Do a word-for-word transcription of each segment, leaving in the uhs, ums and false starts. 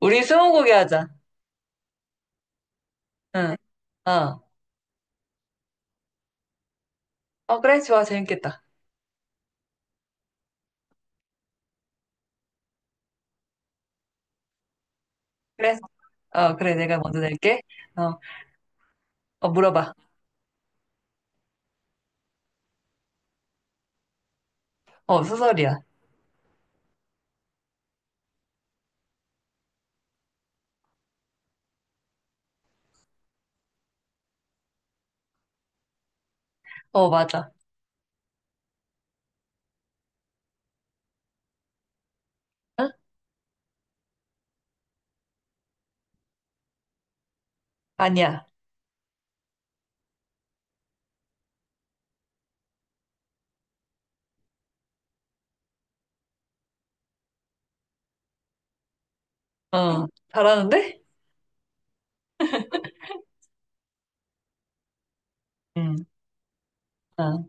우리 스무고개 하자. 응. 어. 어, 그래. 좋아. 재밌겠다. 그래. 어, 그래. 내가 먼저 낼게. 어, 어, 물어봐. 어, 소설이야. 어, 맞아. 응? 아니야. 어, 잘하는데? 응. 어,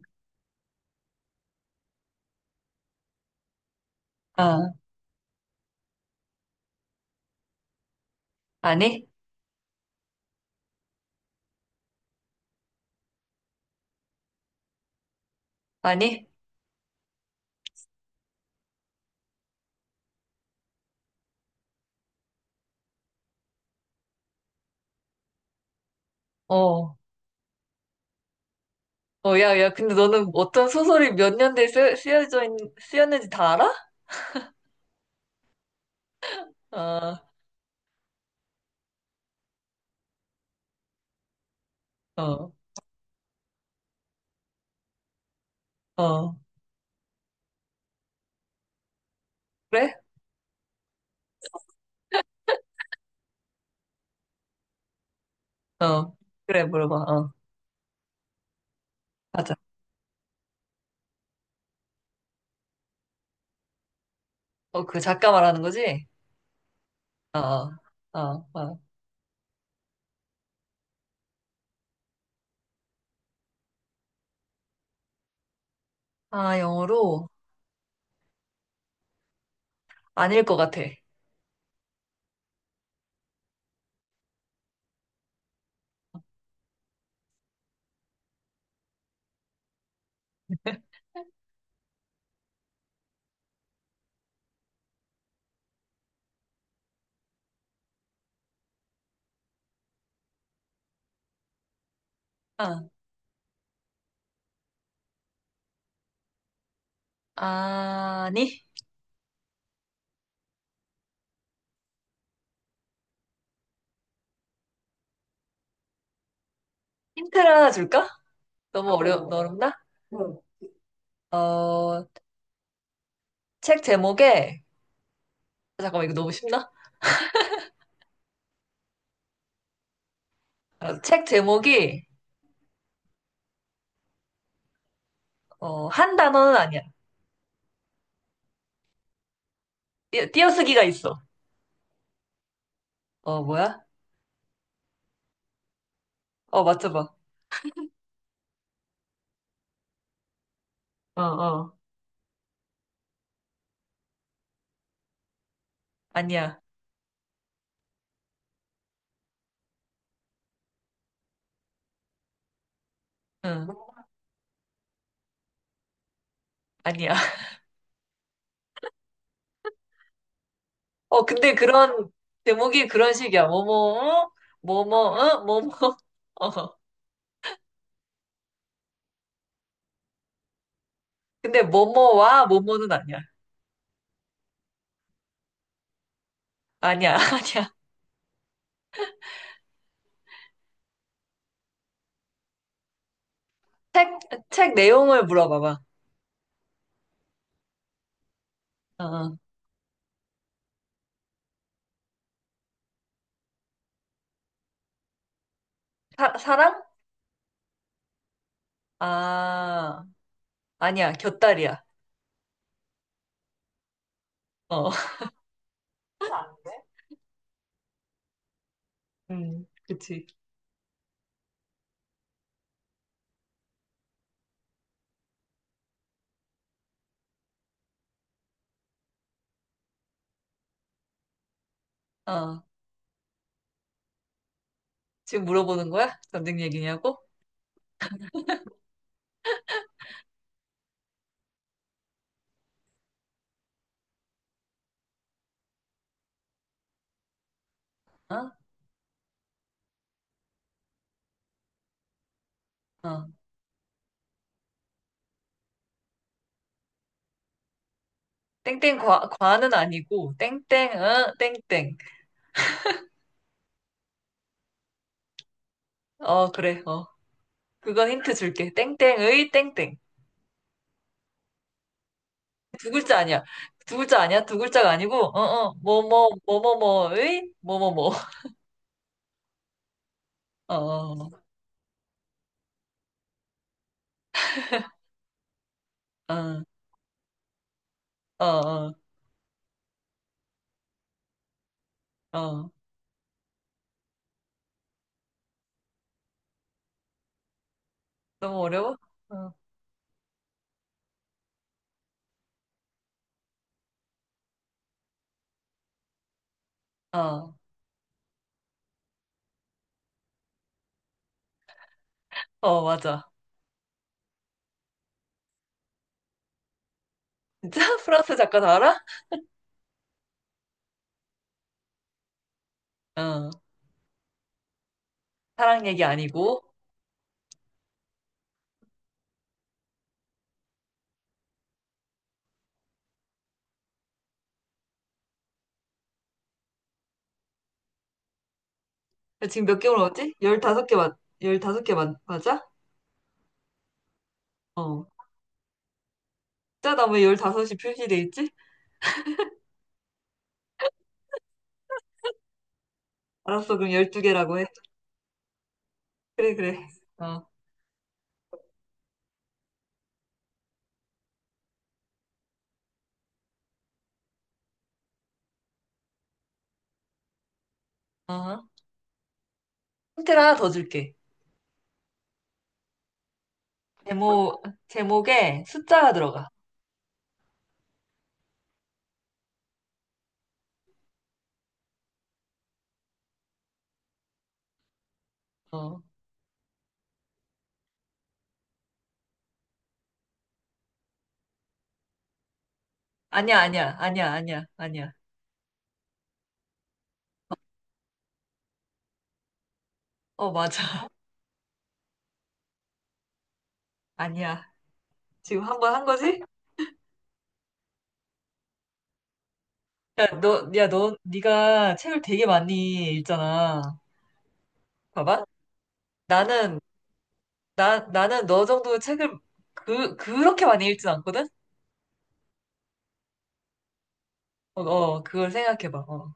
어. 아니? 아니? 어. 어, 야, 야, 근데 너는 어떤 소설이 몇 년대에 쓰, 쓰여져 있, 쓰였는지 다 알아? 어, 어, 어. 그래? 어. 그래, 물어봐. 어. 맞아. 어, 그 작가 말하는 거지? 어, 어, 어. 어. 아, 영어로? 아닐 것 같아. 아, 아니? 힌트를 하나 줄까? 너무 어려, 어, 어렵나? 어, 어, 책 제목에, 잠깐만, 이거 너무 쉽나? 어, 책 제목이, 어, 한 단어는 아니야. 띄, 띄어쓰기가 있어. 어, 뭐야? 어, 맞춰봐. 어, 어. 아니야. 응, 아니야. 어, 근데 그런, 제목이 그런 식이야. 뭐뭐, 응? 뭐뭐, 응? 뭐뭐. 어. 근데 뭐뭐와 뭐뭐는 아니야. 아니야, 아니야. 책, 책 내용을 물어봐봐. 어. 어. 사, 사랑? 아, 아니야. 곁다리야. 어, 음, 그치. 어. 지금 물어보는 거야? 전쟁 얘기냐고? 어, 어. 땡땡 과, 과는 아니고, 땡땡, 어, 땡땡. 어, 그래, 어. 그건 힌트 줄게. 땡땡의 땡땡. 두 글자 아니야. 두 글자 아니야. 두 글자가 아니고, 어, 어, 뭐, 뭐, 뭐, 뭐, 뭐의, 뭐, 뭐, 뭐. 어, 어, 어, 어, 어. 어. 너무 어려워? 어, 어, 어, 맞아. 진짜? 프랑스 작가 다 알아? 어. 사랑 얘기 아니고. 지금 몇 개월 왔지? 열다섯 개 맞, 열다섯 개 맞, 맞아? 어. 진짜 나왜 열다섯이 표시돼 있지? 알았어, 그럼 열두 개라고 해. 그래, 그래. 어, 어. 힌트를 하나 더 줄게. 제목, 제목에 숫자가 들어가. 어. 아니야, 아니야, 아니야, 아니야, 아니야. 어, 맞아. 아니야. 지금 한 번 한 거지? 야, 너, 야, 너, 네가 책을 되게 많이 읽잖아. 봐봐. 나는, 나, 나는 너 정도 책을 그, 그렇게 많이 읽진 않거든? 어, 어, 그걸 생각해봐. 어.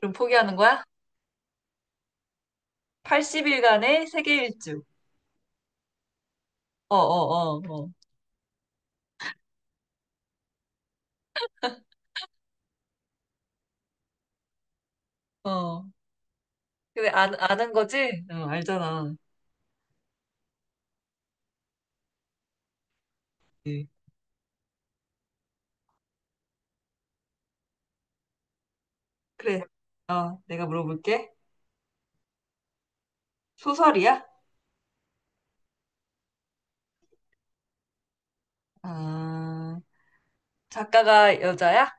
그럼 포기하는 거야? 팔십 일간의 세계 일주. 어, 어, 어, 어, 어. 근데 아, 아는 거지? 어, 알잖아. 예. 그래. 어, 내가 물어볼게. 소설이야? 아, 작가가 여자야?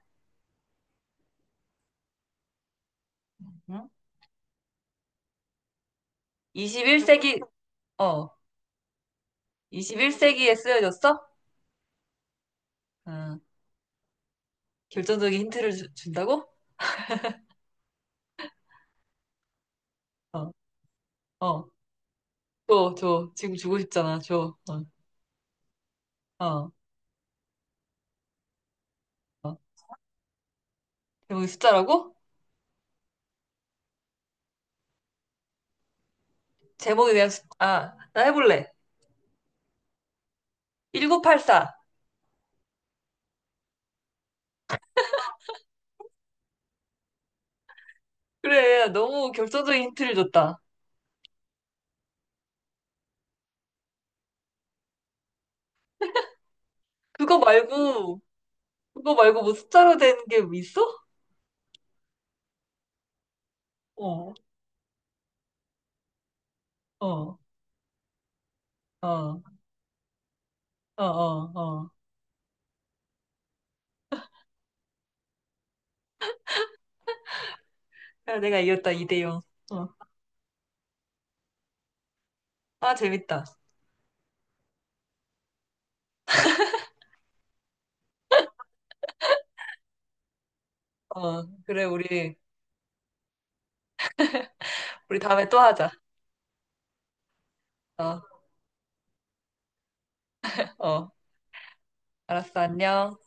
응? 이십일 세기, 어, 이십일 세기에 쓰여졌어? 아, 결정적인 힌트를 주- 준다고? 어, 어. 줘, 줘. 지금 주고 싶잖아. 줘. 어, 어, 어. 제목이 숫자라고? 제목에 대한 숫, 아, 나 해볼래. 일천구백팔십사. 그래, 너무 결정적인 힌트를 줬다. 그거 말고, 그거 말고 뭐 숫자로 된 게 있어? 어, 어, 어, 어, 어, 어. 야, 내가 이겼다, 이 대 영. 어. 아, 재밌다. 어, 그래, 우리, 우리 다음에 또 하자. 어, 어. 알았어, 안녕.